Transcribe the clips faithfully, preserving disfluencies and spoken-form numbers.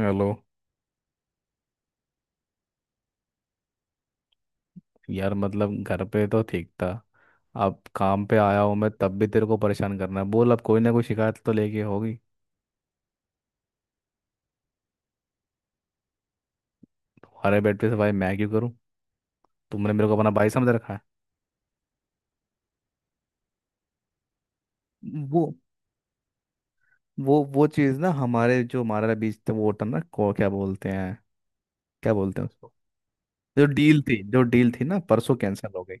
Hello. यार मतलब घर पे तो ठीक था। अब काम पे आया हूँ मैं, तब भी तेरे को परेशान करना है। बोल, अब कोई ना कोई शिकायत तो लेके होगी। तुम्हारे बेड पे से भाई मैं क्यों करूँ? तुमने मेरे को अपना भाई समझ रखा है? वो वो वो चीज़ ना, हमारे जो हमारा बीच था वो होता ना, को क्या बोलते हैं, क्या बोलते हैं उसको। जो डील थी जो डील थी ना, परसों कैंसिल हो गई।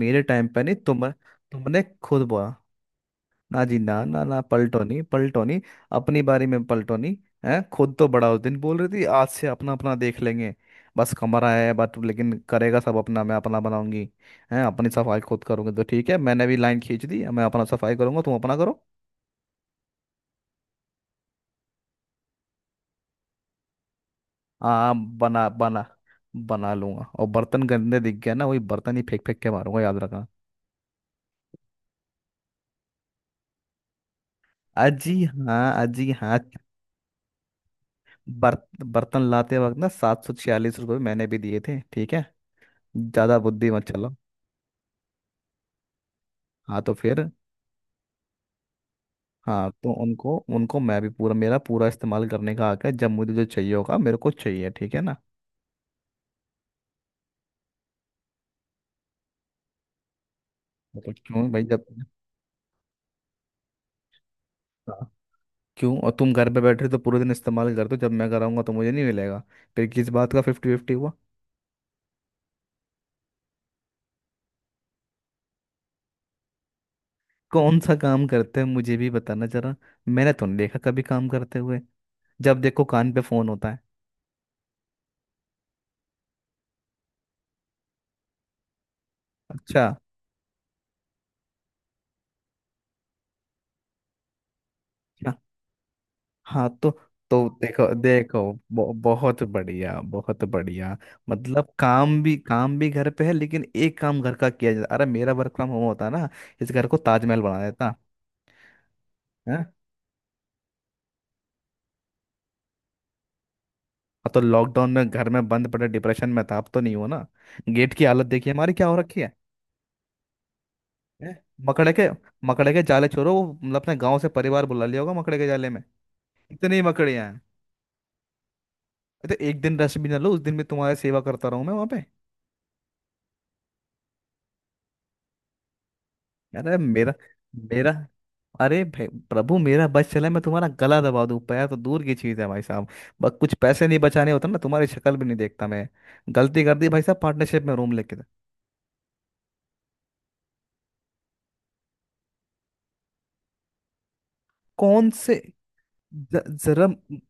मेरे टाइम पे नहीं, तुम तुमने खुद बोला। ना जी, ना ना ना, पलटो नहीं, पलटो नहीं। अपनी बारी में पलटो नहीं है। खुद तो बड़ा उस दिन बोल रही थी आज से अपना अपना देख लेंगे। बस कमरा है बट लेकिन करेगा सब अपना, मैं अपना बनाऊंगी, है अपनी सफाई खुद करूंगी। तो ठीक है, मैंने भी लाइन खींच दी, मैं अपना सफाई करूंगा तुम अपना करो। हाँ बना बना, बना लूंगा। और बर्तन गंदे दिख गया ना, वही बर्तन ही फेंक फेंक के मारूंगा, याद रखना। अजी हाँ, अजी हाँ। बर्त, बर्तन लाते वक्त ना सात सौ छियालीस रुपये मैंने भी दिए थे, ठीक है। ज्यादा बुद्धि मत चलो। हाँ तो फिर हाँ तो उनको उनको मैं भी पूरा, मेरा पूरा इस्तेमाल करने का हक है। जब मुझे जो चाहिए होगा मेरे को चाहिए, ठीक है ना? मैं तो क्यों भाई, जब। हाँ। क्यों? और तुम घर पे बैठ रहे हो तो पूरे दिन इस्तेमाल करते हो, जब मैं कराऊंगा तो मुझे नहीं मिलेगा, फिर किस बात का फिफ्टी फिफ्टी हुआ? कौन सा काम करते हैं मुझे भी बताना जरा। मैंने तो नहीं देखा कभी काम करते हुए। जब देखो कान पे फोन होता है। अच्छा। हाँ तो तो देखो देखो बहु- बहुत बढ़िया, बहुत बढ़िया। मतलब काम भी काम भी घर पे है, लेकिन एक काम घर का किया जाता? अरे मेरा वर्क फ्रॉम होम होता ना, इस घर को ताजमहल बना देता। है? अब तो लॉकडाउन में घर में बंद पड़े डिप्रेशन में था, अब तो नहीं हो ना। गेट की हालत देखिए हमारी क्या हो रखी है। हैं? मकड़े के मकड़े के जाले छोड़ो। वो मतलब अपने गांव से परिवार बुला लिया होगा मकड़े के जाले में। इतनी मकड़ियां हैं। तो एक दिन रेस्ट भी ना लो, उस दिन भी तुम्हारी सेवा करता रहूं मैं वहां। अरे मेरा मेरा अरे भाई प्रभु, मेरा बस चले मैं तुम्हारा गला दबा दूं, पैर तो दूर की चीज है भाई साहब। बस कुछ पैसे नहीं बचाने होते ना, तुम्हारी शक्ल भी नहीं देखता मैं। गलती कर दी भाई साहब, पार्टनरशिप में रूम लेके था। कौन से? ज- जरा मोहतर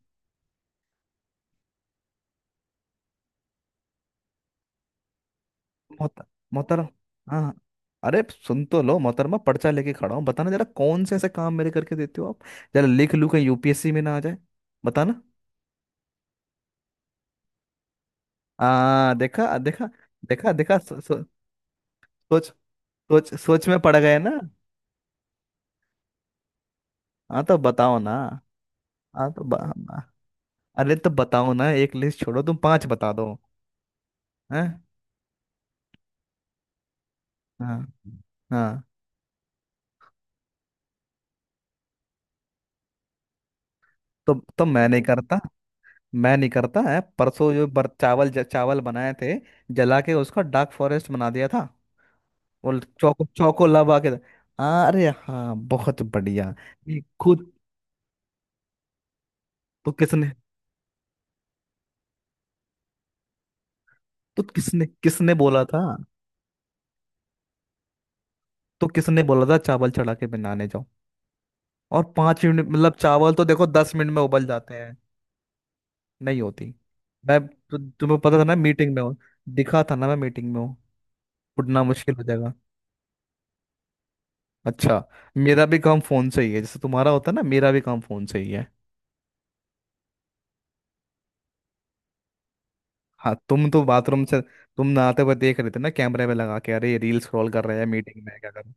मोहतरम हाँ हाँ। अरे सुन तो लो मोहतरमा, पर्चा लेके खड़ा हूँ, बताना जरा कौन से ऐसे काम मेरे करके देते हो आप। जरा लिख लूं कहीं यूपीएससी में ना आ जाए। बताना। आ देखा देखा, देखा देखा। सो, सो, सोच सोच सोच में पड़ गए ना। हाँ तो बताओ ना। हाँ तो ब- ब- अरे तो बताओ ना, एक लिस्ट छोड़ो, तुम पांच बता दो। हैं? हाँ। हाँ तो तो मैं नहीं करता मैं नहीं करता है। परसों जो बर, चावल ज, चावल बनाए थे, जला के उसका डार्क फॉरेस्ट बना दिया था, और चौको चौको लगा के। हाँ अरे हाँ, बहुत बढ़िया। ये खुद, तो किसने, तो किसने किसने बोला था? तो किसने बोला था चावल चढ़ा के बनाने जाओ? और पांच मिनट मतलब चावल तो देखो दस मिनट में उबल जाते हैं। नहीं होती। मैं तु, तुम्हें पता था ना मीटिंग में हूँ। दिखा था ना मैं मीटिंग में हूँ, उठना मुश्किल हो जाएगा। अच्छा, मेरा भी काम फोन से ही है, जैसे तुम्हारा होता है ना, मेरा भी काम फोन से ही है। हाँ तुम तो बाथरूम से तुम नहाते हुए देख रहे थे ना, कैमरे में लगा के, अरे रील स्क्रॉल कर रहे हैं मीटिंग में क्या कर रहे हैं।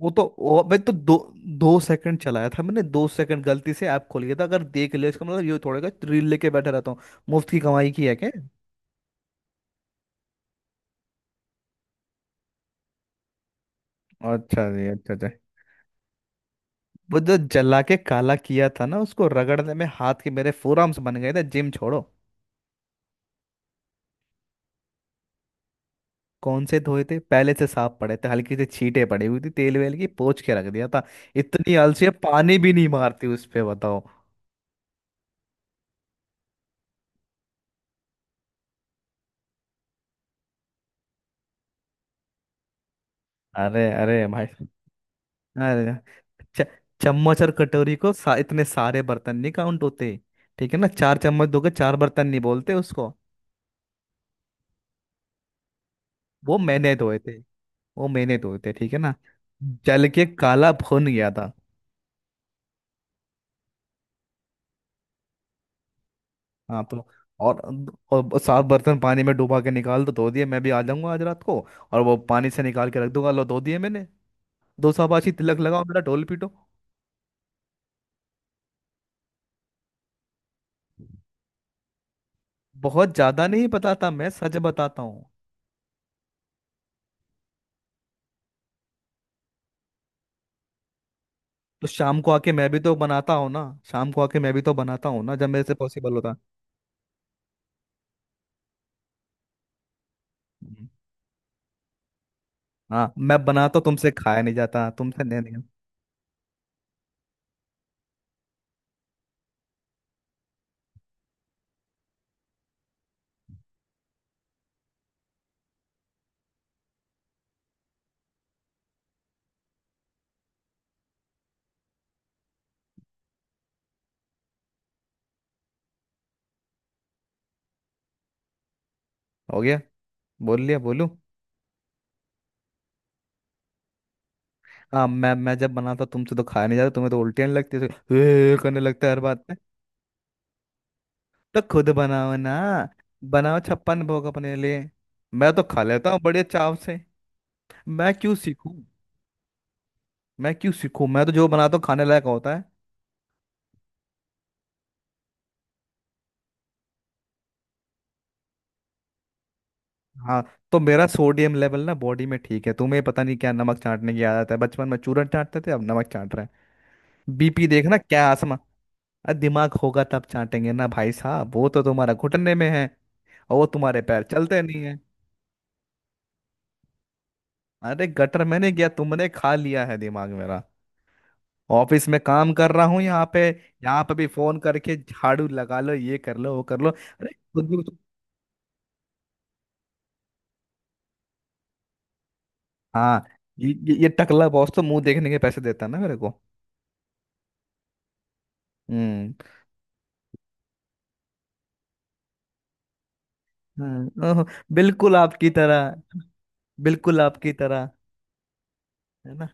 वो तो वो, मैं तो दो दो सेकंड चलाया था मैंने, दो सेकंड गलती से ऐप खोल लिया था। अगर देख लिया इसका मतलब ये थोड़ा रील लेके बैठे रहता हूँ? मुफ्त की कमाई की है क्या? अच्छा जी, अच्छा अच्छा। वो जो जला के काला किया था ना, उसको रगड़ने में हाथ के मेरे फोरआर्म्स बन गए थे, जिम छोड़ो। कौन से धोए थे? पहले से साफ पड़े थे, हल्की से छींटे पड़ी हुई थी तेल वेल की, पोंछ के रख दिया था। इतनी आलसी है, पानी भी नहीं मारती उस पे, बताओ। अरे अरे भाई, अरे च- चम्मच और कटोरी को सा, इतने सारे बर्तन नहीं काउंट होते, ठीक है ना? चार चम्मच धोके चार बर्तन नहीं बोलते उसको। वो मैंने धोए थे वो मैंने धोए थे, ठीक है ना। जल के काला भुन गया था। हाँ तो और और साफ बर्तन पानी में डुबा के निकाल दो, धो दिए। मैं भी आ जाऊंगा आज रात को, और वो पानी से निकाल के रख दूंगा, लो धो दिए मैंने। दो शाबाशी, तिलक लगाओ, मेरा ढोल पीटो। बहुत ज्यादा नहीं बताता, मैं सच बताता हूँ। तो शाम को आके मैं भी तो बनाता हूँ ना, शाम को आके मैं भी तो बनाता हूँ ना जब मेरे से पॉसिबल होता। हम्म। हाँ मैं बनाता हूँ, तुमसे खाया नहीं जाता, तुमसे, नहीं नहीं। हो गया? बोल लिया? बोलू? हाँ मैं मैं जब बनाता हूँ, तुमसे तो खाया नहीं जाता, तुम्हें तो उल्टियाँ लगती है करने, लगता है हर बात। तो खुद बनाओ ना, बनाओ छप्पन भोग अपने लिए। मैं तो खा लेता हूँ बड़े चाव से। मैं क्यों सीखूं मैं क्यों सीखूं, मैं तो जो बनाता हूँ खाने लायक होता है। हाँ तो मेरा सोडियम लेवल ना बॉडी में ठीक है। तुम्हें पता नहीं क्या, नमक चाटने की आदत है? बचपन में चूरन चाटते थे, अब नमक चाट रहे हैं? बीपी देखना क्या आसमा। अरे दिमाग होगा तब चाटेंगे ना भाई साहब, वो तो तुम्हारा घुटने में है, और वो तुम्हारे पैर चलते नहीं है। अरे गटर मैंने गया, तुमने खा लिया है दिमाग मेरा। ऑफिस में काम कर रहा हूँ यहाँ पे यहाँ पे भी फोन करके झाड़ू लगा लो, ये कर लो, वो कर लो। अरे खुद भी कुछ- हाँ ये ये ये टकला बॉस तो मुंह देखने के पैसे देता है ना मेरे को। हम्म। हम्म, ओह, बिल्कुल आपकी तरह, बिल्कुल आपकी तरह, है ना,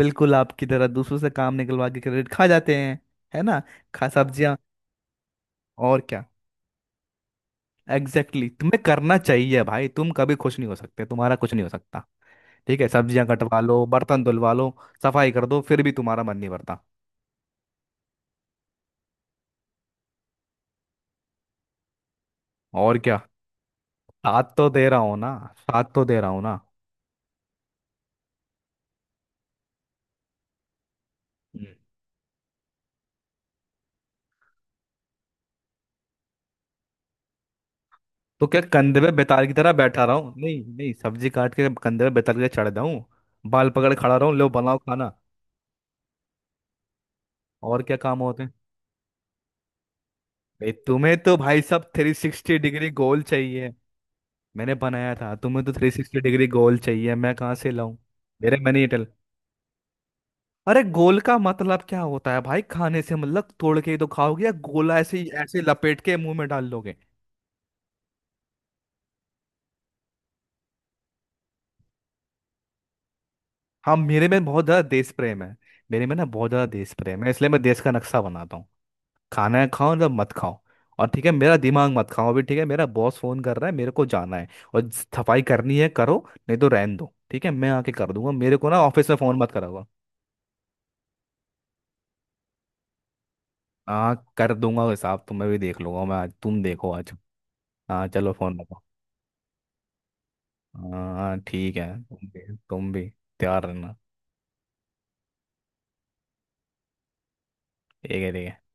बिल्कुल आपकी तरह दूसरों से काम निकलवा के क्रेडिट खा जाते हैं, है ना? खा सब्जियां। और क्या, एग्जैक्टली, exactly। तुम्हें करना चाहिए भाई, तुम कभी खुश नहीं हो सकते, तुम्हारा कुछ नहीं हो सकता। ठीक है, सब्जियां कटवा लो, बर्तन धुलवा लो, सफाई कर दो, फिर भी तुम्हारा मन नहीं भरता। और क्या, साथ तो दे रहा हूँ ना, साथ तो दे रहा हूँ ना। हम्म। तो क्या कंधे पे बेताल की तरह बैठा रहा हूँ? नहीं नहीं, सब्जी काट के कंधे पे बेताल के चढ़ जाऊं? बाल पकड़ खड़ा रहूं? लो बनाओ खाना। और क्या काम होते हैं भाई? तुम्हें तो भाई साहब थ्री सिक्सटी डिग्री गोल चाहिए, मैंने बनाया था, तुम्हें तो थ्री सिक्सटी डिग्री गोल चाहिए, मैं कहाँ से लाऊं? मेरे मैंने ये टल अरे गोल का मतलब क्या होता है भाई? खाने से मतलब, तोड़ के ही तो खाओगे? या गोला ऐसे ही ऐसे लपेट के मुंह में डाल लोगे? हाँ मेरे में बहुत ज्यादा देश प्रेम है, मेरे में ना बहुत ज्यादा देश प्रेम है, इसलिए मैं देश का नक्शा बनाता हूँ। खाना है खाओ, ना मत खाओ। और ठीक है मेरा दिमाग मत खाओ अभी, ठीक है, मेरा बॉस फोन कर रहा है मेरे को जाना है। और सफाई करनी है करो, नहीं तो रहन दो, ठीक है मैं आके कर दूंगा, मेरे को ना ऑफिस में फोन मत कराओ। हाँ कर दूंगा हिसाब, तुम्हें भी देख लूंगा मैं आज, तुम देखो आज। हाँ चलो फोन रखो। हाँ ठीक है, तुम भी, तुम भी तैयार रहना। ठीक है, ठीक है।